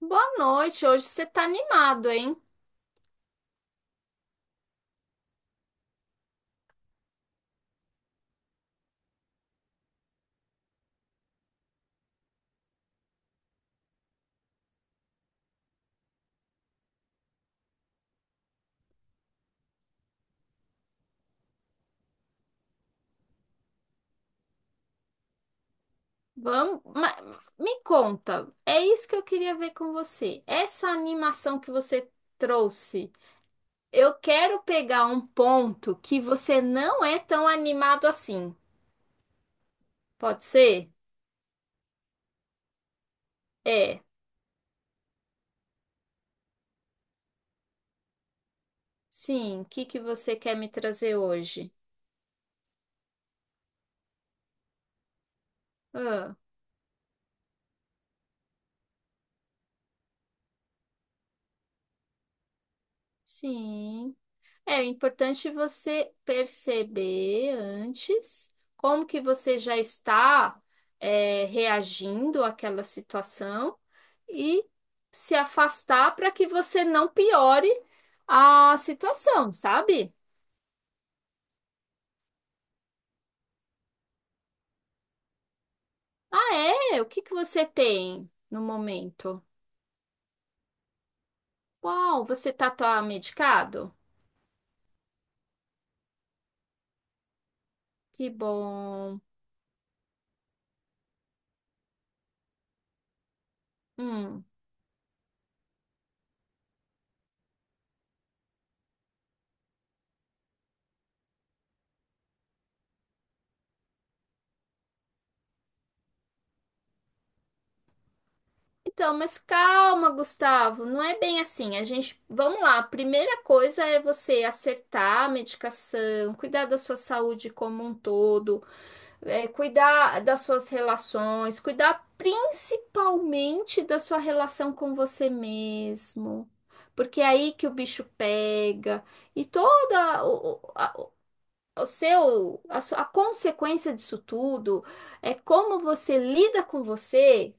Boa noite, hoje você tá animado, hein? Vamos, me conta, é isso que eu queria ver com você. Essa animação que você trouxe, eu quero pegar um ponto que você não é tão animado assim. Pode ser? É. Sim, o que que você quer me trazer hoje? Ah, sim. É o importante você perceber antes como que você já está reagindo àquela situação e se afastar para que você não piore a situação, sabe? Ah, é? O que que você tem no momento? Uau, você tá medicado? Que bom. Hum. Então, mas calma, Gustavo, não é bem assim. A gente, vamos lá. A primeira coisa é você acertar a medicação, cuidar da sua saúde como um todo, cuidar das suas relações, cuidar principalmente da sua relação com você mesmo, porque é aí que o bicho pega e toda o- a, o seu a, sua- a consequência disso tudo é como você lida com você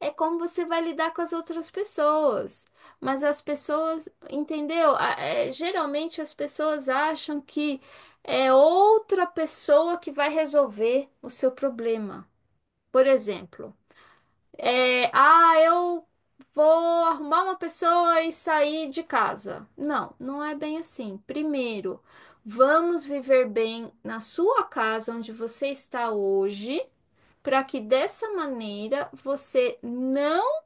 é como você vai lidar com as outras pessoas. Mas as pessoas, entendeu? Geralmente as pessoas acham que é outra pessoa que vai resolver o seu problema. Por exemplo, eu vou arrumar uma pessoa e sair de casa. Não, não é bem assim. Primeiro, vamos viver bem na sua casa onde você está hoje, para que dessa maneira você não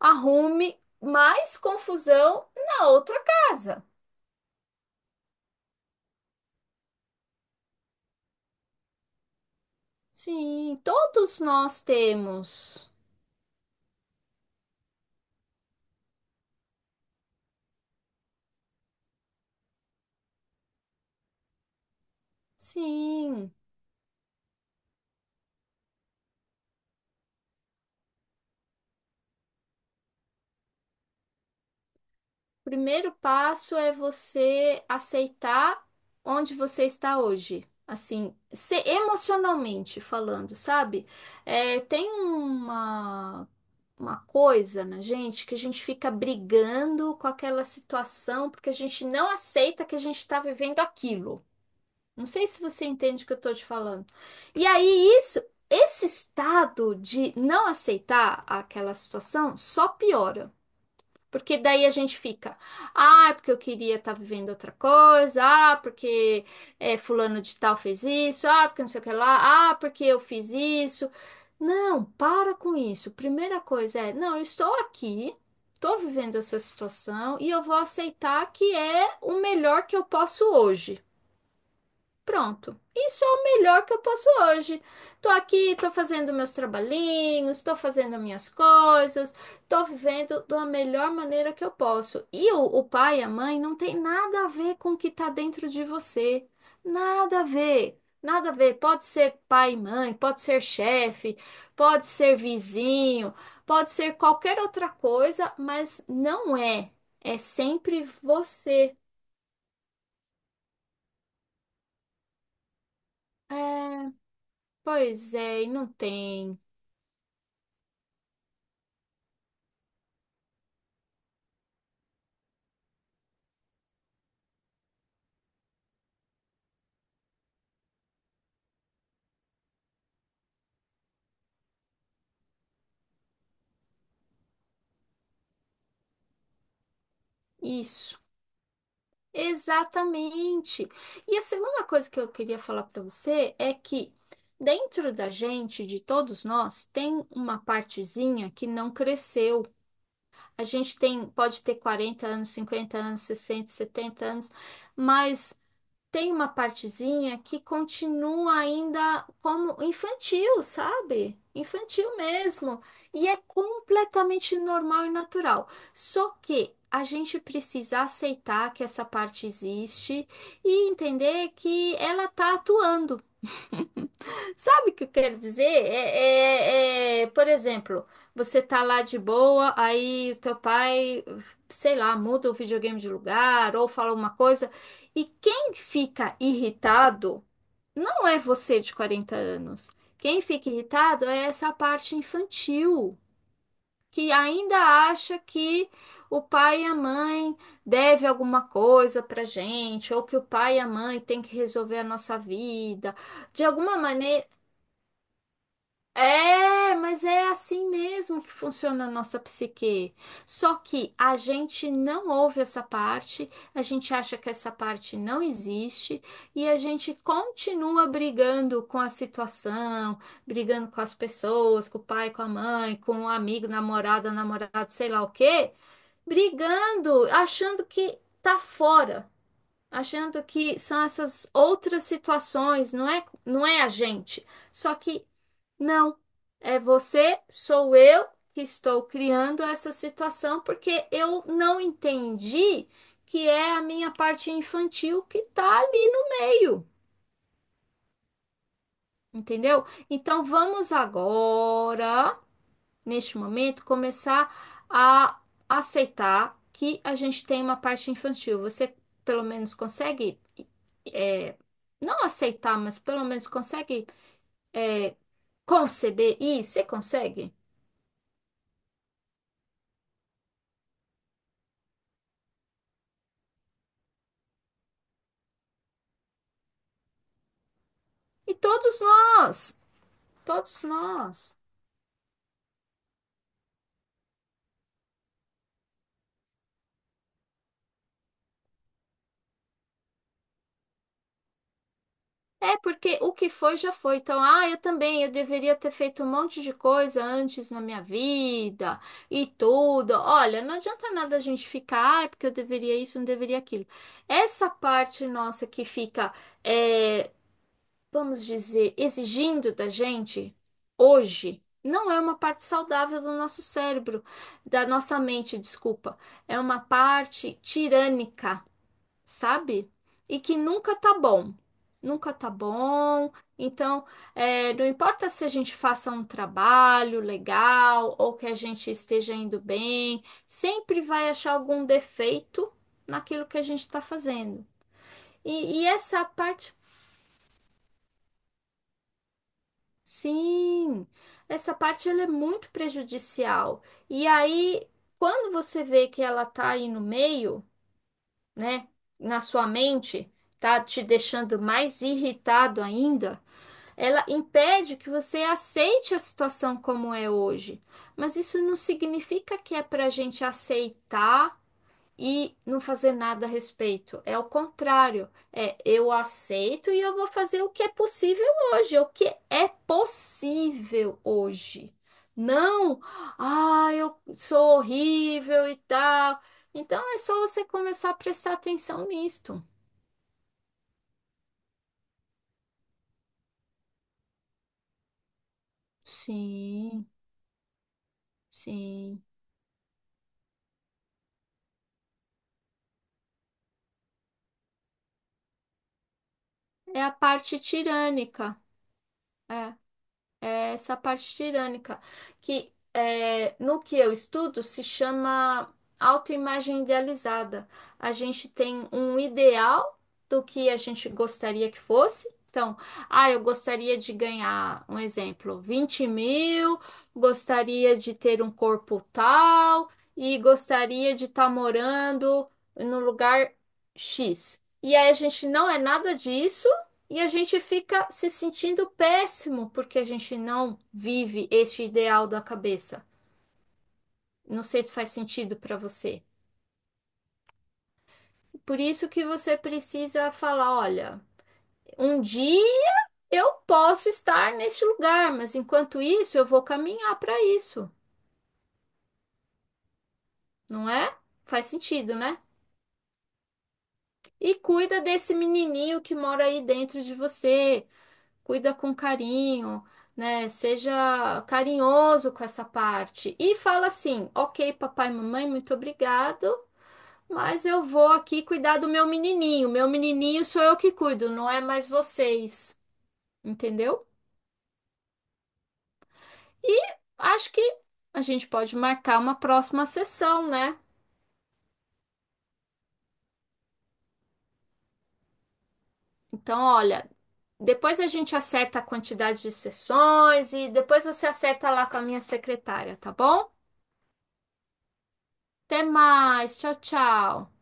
arrume mais confusão na outra casa. Sim, todos nós temos. Sim. O primeiro passo é você aceitar onde você está hoje. Assim, se emocionalmente falando, sabe? É, tem uma coisa na gente que a gente fica brigando com aquela situação porque a gente não aceita que a gente está vivendo aquilo. Não sei se você entende o que eu tô te falando. E aí, isso, esse estado de não aceitar aquela situação só piora. Porque daí a gente fica, ah, porque eu queria estar vivendo outra coisa, ah, porque fulano de tal fez isso, ah, porque não sei o que lá, ah, porque eu fiz isso. Não, para com isso. Primeira coisa é, não, eu estou aqui, estou vivendo essa situação e eu vou aceitar que é o melhor que eu posso hoje. Pronto. Isso é o melhor que eu posso hoje. Tô aqui, tô fazendo meus trabalhinhos, tô fazendo minhas coisas, tô vivendo da melhor maneira que eu posso. E o pai e a mãe não tem nada a ver com o que tá dentro de você. Nada a ver. Nada a ver. Pode ser pai e mãe, pode ser chefe, pode ser vizinho, pode ser qualquer outra coisa, mas não é. É sempre você. É, pois é, e não tem. Isso, exatamente. E a segunda coisa que eu queria falar para você é que dentro da gente, de todos nós, tem uma partezinha que não cresceu. A gente tem, pode ter 40 anos, 50 anos, 60, 70 anos, mas tem uma partezinha que continua ainda como infantil, sabe? Infantil mesmo. E é completamente normal e natural. Só que a gente precisa aceitar que essa parte existe e entender que ela tá atuando. Sabe o que eu quero dizer? Por exemplo, você tá lá de boa, aí o teu pai, sei lá, muda o videogame de lugar ou fala uma coisa, e quem fica irritado não é você de 40 anos. Quem fica irritado é essa parte infantil, que ainda acha que o pai e a mãe devem alguma coisa pra gente, ou que o pai e a mãe têm que resolver a nossa vida. De alguma maneira, mas é assim mesmo que funciona a nossa psique. Só que a gente não ouve essa parte, a gente acha que essa parte não existe e a gente continua brigando com a situação, brigando com as pessoas, com o pai, com a mãe, com o amigo, namorada, namorado, sei lá o quê, brigando, achando que tá fora, achando que são essas outras situações, não é, não é a gente. Só que não, é você, sou eu que estou criando essa situação porque eu não entendi que é a minha parte infantil que tá ali no meio, entendeu? Então vamos agora, neste momento, começar a aceitar que a gente tem uma parte infantil. Você pelo menos consegue não aceitar, mas pelo menos consegue é, conceber isso? Você consegue? E todos nós, todos nós. É porque o que foi já foi. Então, ah, eu também, eu deveria ter feito um monte de coisa antes na minha vida e tudo. Olha, não adianta nada a gente ficar, ah, porque eu deveria isso, não deveria aquilo. Essa parte nossa que fica, é, vamos dizer, exigindo da gente hoje, não é uma parte saudável do nosso cérebro, da nossa mente, desculpa. É uma parte tirânica, sabe? E que nunca tá bom. Nunca tá bom. Então, não importa se a gente faça um trabalho legal ou que a gente esteja indo bem, sempre vai achar algum defeito naquilo que a gente está fazendo. E essa parte, sim, essa parte ela é muito prejudicial. E aí, quando você vê que ela tá aí no meio, né, na sua mente, tá te deixando mais irritado ainda. Ela impede que você aceite a situação como é hoje. Mas isso não significa que é para a gente aceitar e não fazer nada a respeito. É o contrário. É eu aceito e eu vou fazer o que é possível hoje, o que é possível hoje. Não, ah, eu sou horrível e tal. Então é só você começar a prestar atenção nisto. Sim, sim. É a parte tirânica. É, é essa parte tirânica, que no que eu estudo se chama autoimagem idealizada. A gente tem um ideal do que a gente gostaria que fosse. Então, ah, eu gostaria de ganhar, um exemplo, 20 mil, gostaria de ter um corpo tal e gostaria de estar morando no lugar X. E aí a gente não é nada disso. E a gente fica se sentindo péssimo porque a gente não vive este ideal da cabeça. Não sei se faz sentido para você. Por isso que você precisa falar, olha, um dia eu posso estar neste lugar, mas enquanto isso eu vou caminhar para isso, não é? Faz sentido, né? E cuida desse menininho que mora aí dentro de você. Cuida com carinho, né? Seja carinhoso com essa parte. E fala assim: ok, papai e mamãe, muito obrigado, mas eu vou aqui cuidar do meu menininho. Meu menininho sou eu que cuido, não é mais vocês, entendeu? E acho que a gente pode marcar uma próxima sessão, né? Então, olha. Depois a gente acerta a quantidade de sessões e depois você acerta lá com a minha secretária, tá bom? Até mais, tchau, tchau.